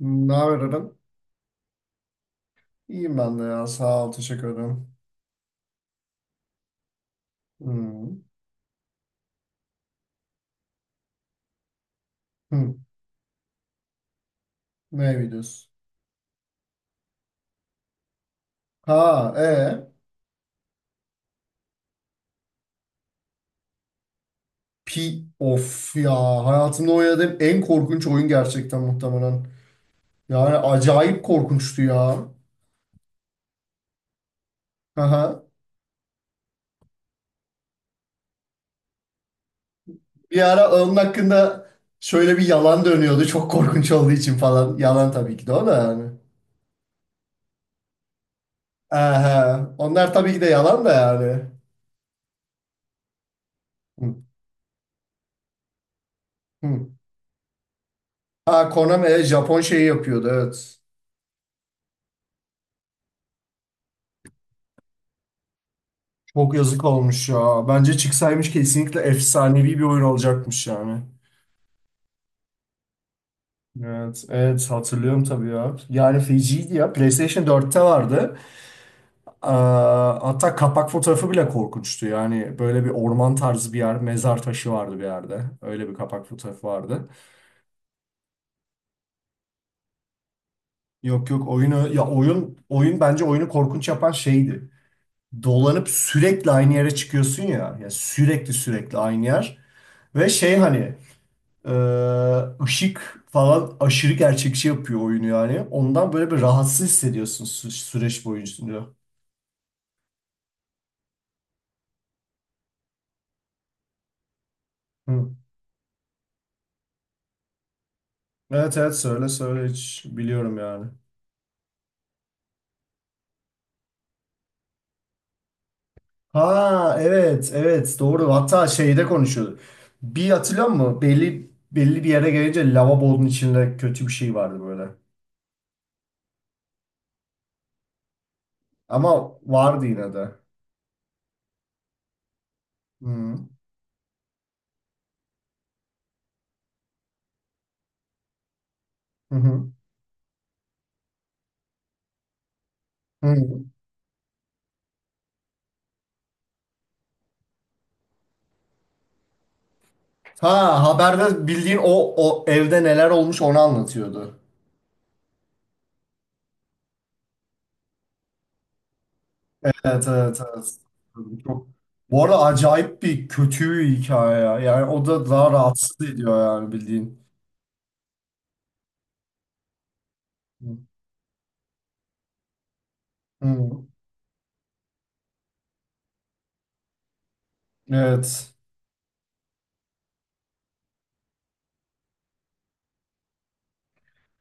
Ne haber Eren? İyiyim ben de ya. Sağ ol. Teşekkür ederim. Hmm. Hmm. Ne videosu? Ha, e. Pi of ya. Hayatımda oynadığım en korkunç oyun gerçekten muhtemelen. Yani acayip korkunçtu ya. Aha. Bir ara onun hakkında şöyle bir yalan dönüyordu. Çok korkunç olduğu için falan. Yalan tabii ki de o da yani. Aha. Onlar tabii ki de yalan da yani. Hmm. Hmm. Ha, Konami Japon şeyi yapıyordu, evet. Çok yazık olmuş ya. Bence çıksaymış kesinlikle efsanevi bir oyun olacakmış yani. Evet, evet hatırlıyorum tabii ya. Yani feciydi ya. PlayStation 4'te vardı. Aa, hatta kapak fotoğrafı bile korkunçtu. Yani böyle bir orman tarzı bir yer, mezar taşı vardı bir yerde. Öyle bir kapak fotoğrafı vardı. Yok yok, oyunu ya, oyun oyun bence oyunu korkunç yapan şeydi. Dolanıp sürekli aynı yere çıkıyorsun ya. Ya sürekli sürekli aynı yer. Ve şey, hani Ee, ışık falan aşırı gerçekçi yapıyor oyunu yani. Ondan böyle bir rahatsız hissediyorsun süreç boyunca. Hı. Evet evet, söyle söyle, hiç biliyorum yani. Ha evet evet, doğru, hatta şeyde konuşuyordu. Bir hatırlıyor musun? Belli belli bir yere gelince lavabonun içinde kötü bir şey vardı böyle. Ama vardı yine de. Hı. Hı hı. Hı. Ha, haberde bildiğin o, o evde neler olmuş onu anlatıyordu. Evet evet evet. Çok... Bu arada acayip bir kötü bir hikaye ya. Yani o da daha rahatsız ediyor yani bildiğin. Hı. Evet.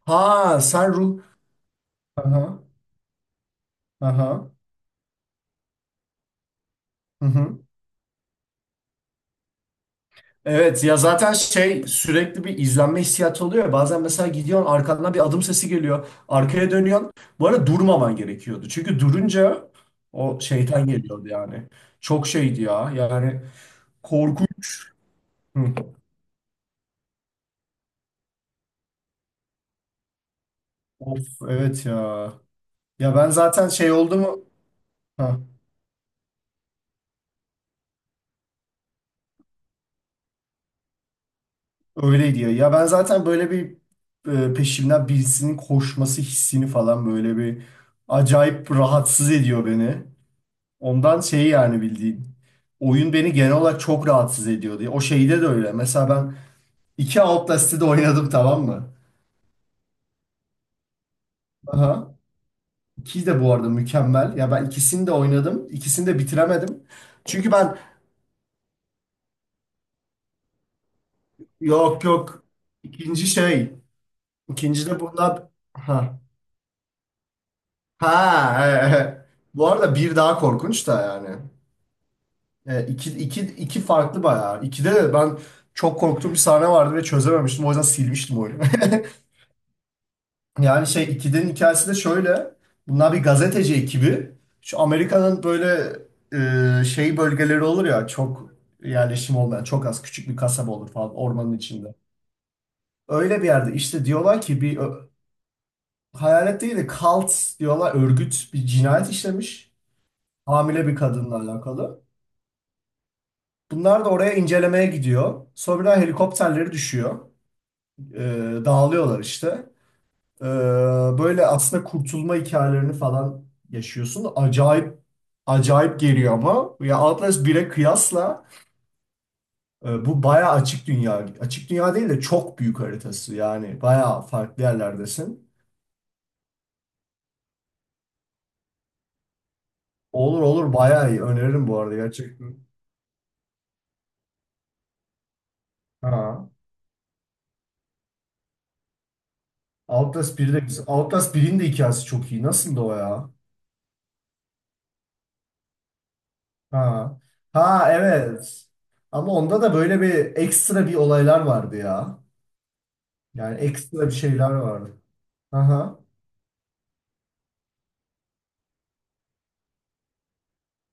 Ha sen ruh... Aha, aha. Hı hı. Evet ya, zaten şey, sürekli bir izlenme hissiyatı oluyor ya. Bazen mesela gidiyorsun arkandan bir adım sesi geliyor. Arkaya dönüyorsun. Bu arada durmaman gerekiyordu. Çünkü durunca o şeytan geliyordu yani. Çok şeydi ya. Yani korkunç. Hı. Of evet ya. Ya ben zaten şey oldu mu? Ha, öyle diyor. Ya ben zaten böyle bir peşimden birisinin koşması hissini falan böyle bir acayip rahatsız ediyor beni. Ondan şey yani bildiğin. Oyun beni genel olarak çok rahatsız ediyor diye. O şeyde de öyle. Mesela ben iki Outlast'ı da oynadım, tamam mı? Aha. İki de bu arada mükemmel. Ya ben ikisini de oynadım. İkisini de bitiremedim. Çünkü ben yok yok. İkinci şey. İkinci de bundan... Ha, e, e. Bu arada bir daha korkunç da yani. İki, iki, iki farklı bayağı. İkide de ben çok korktuğum bir sahne vardı ve çözememiştim. O yüzden silmiştim oyunu. Yani şey, ikidinin hikayesi de şöyle. Bunlar bir gazeteci ekibi. Şu Amerika'nın böyle şey bölgeleri olur ya, çok yerleşim olmayan, çok az, küçük bir kasaba olur falan ormanın içinde. Öyle bir yerde işte diyorlar ki bir hayalet değil de cult diyorlar, örgüt bir cinayet işlemiş. Hamile bir kadınla alakalı. Bunlar da oraya incelemeye gidiyor. Sonra helikopterleri düşüyor. Ee, dağılıyorlar işte. Ee, böyle aslında kurtulma hikayelerini falan yaşıyorsun. Acayip acayip geliyor ama. Ya Atlas 1'e kıyasla bu bayağı açık dünya. Açık dünya değil de çok büyük haritası. Yani bayağı farklı yerlerdesin. Olur olur, bayağı iyi. Öneririm bu arada gerçekten. Ha. Outlast 1'i de güzel. Outlast 1'in de hikayesi çok iyi. Nasıldı o ya? Ha. Ha evet. Ama onda da böyle bir ekstra bir olaylar vardı ya. Yani ekstra bir şeyler vardı. Aha.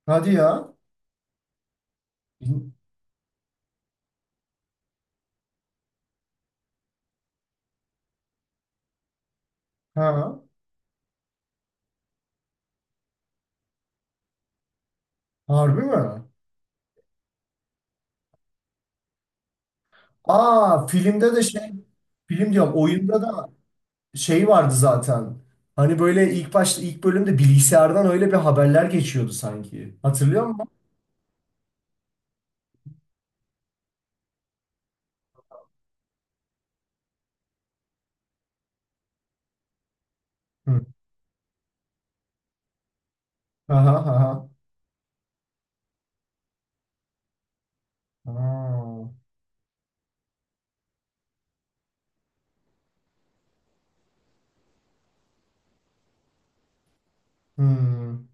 Hadi ya. Ha. Harbi mi? Aa, filmde de şey, film diyorum, oyunda da şey vardı zaten. Hani böyle ilk başta, ilk bölümde bilgisayardan öyle bir haberler geçiyordu sanki. Hatırlıyor musun? Hı. Aha aha. Aa. Hmm.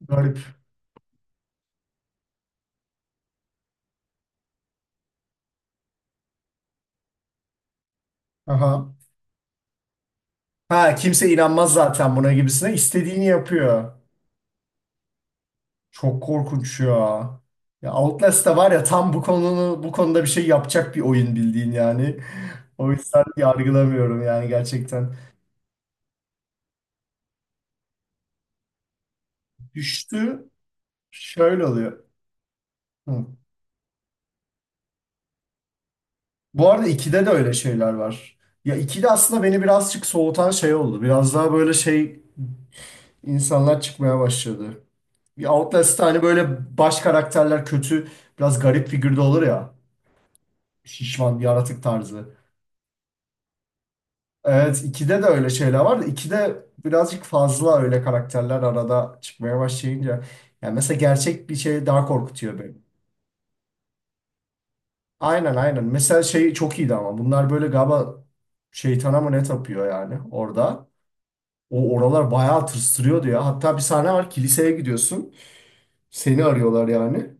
Garip. Aha. Ha, kimse inanmaz zaten buna gibisine. İstediğini yapıyor. Çok korkunç ya. Ya Outlast da var ya, tam bu konunu, bu konuda bir şey yapacak bir oyun bildiğin yani. O yüzden yargılamıyorum yani gerçekten. Düştü şöyle oluyor. Hı. Bu arada 2'de de öyle şeyler var. Ya 2'de aslında beni birazcık soğutan şey oldu. Biraz daha böyle şey, insanlar çıkmaya başladı. Ya Outlast'ta hani böyle baş karakterler kötü, biraz garip figürde olur ya. Şişman, yaratık tarzı. Evet, 2'de de öyle şeyler var da 2'de birazcık fazla öyle karakterler arada çıkmaya başlayınca. Yani mesela gerçek bir şey daha korkutuyor beni. Aynen aynen. Mesela şey çok iyiydi ama bunlar böyle galiba şeytana mı ne tapıyor yani orada. O oralar bayağı tırstırıyordu ya. Hatta bir sahne var, kiliseye gidiyorsun. Seni arıyorlar yani.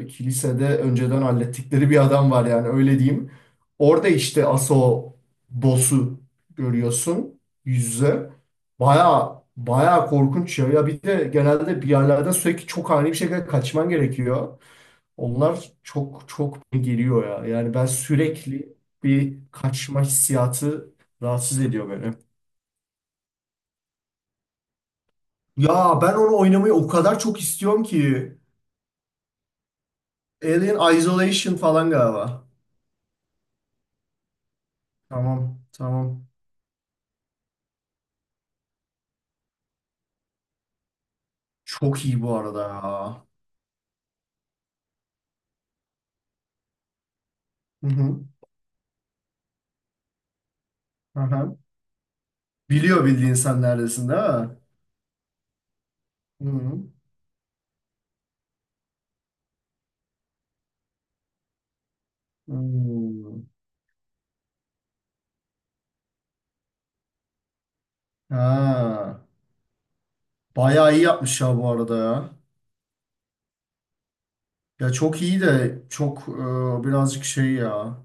Kilisede önceden hallettikleri bir adam var yani, öyle diyeyim. Orada işte Aso boss'u görüyorsun yüz yüze. Baya baya korkunç ya. Ya bir de genelde bir yerlerden sürekli çok ani bir şekilde kaçman gerekiyor. Onlar çok çok geliyor ya. Yani ben sürekli bir kaçma hissiyatı rahatsız ediyor beni. Ya ben onu oynamayı o kadar çok istiyorum ki. Alien Isolation falan galiba. Tamam, tamam. Çok iyi bu arada ya. Hı hı. Aha. Biliyor bildiğin, sen neredesin değil mi? Hı hı. Hmm. Ha. Bayağı iyi yapmış ya bu arada ya. Ya çok iyi de çok birazcık şey ya.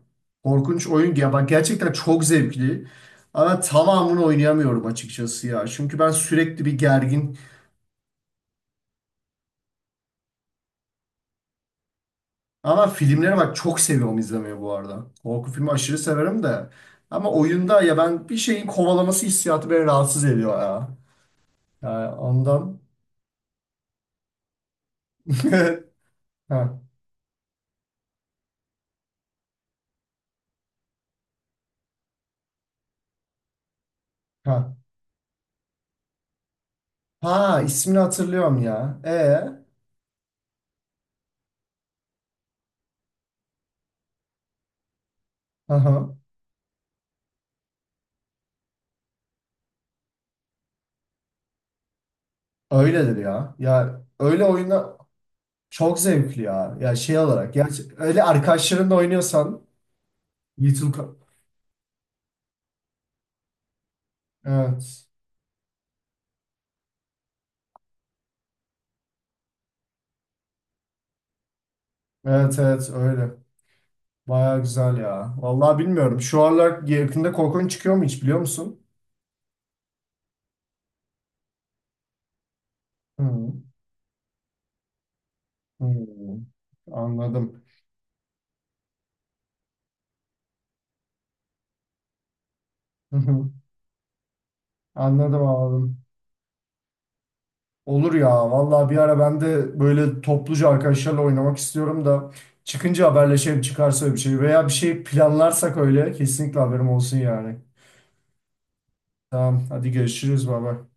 Korkunç oyun ya. Bak, gerçekten çok zevkli. Ama tamamını oynayamıyorum açıkçası ya. Çünkü ben sürekli bir gergin. Ama filmleri bak çok seviyorum izlemeyi bu arada. Korku filmi aşırı severim de. Ama oyunda ya, ben bir şeyin kovalaması hissiyatı beni rahatsız ediyor ya. Yani ondan. Ha, ha. Ha, ismini hatırlıyorum ya. Hı hı. Öyledir ya. Ya öyle oyunda çok zevkli ya. Ya şey olarak. Ya öyle arkadaşlarınla oynuyorsan Little Ka- Evet. Evet evet öyle. Baya güzel ya. Vallahi bilmiyorum. Şu aralar yakında korkunç çıkıyor mu, hiç biliyor musun? Hı. Hmm, anladım. Hı hı. Anladım abi. Olur ya. Vallahi bir ara ben de böyle topluca arkadaşlarla oynamak istiyorum da çıkınca haberleşelim, çıkarsa bir şey veya bir şey planlarsak öyle kesinlikle haberim olsun yani. Tamam hadi görüşürüz baba.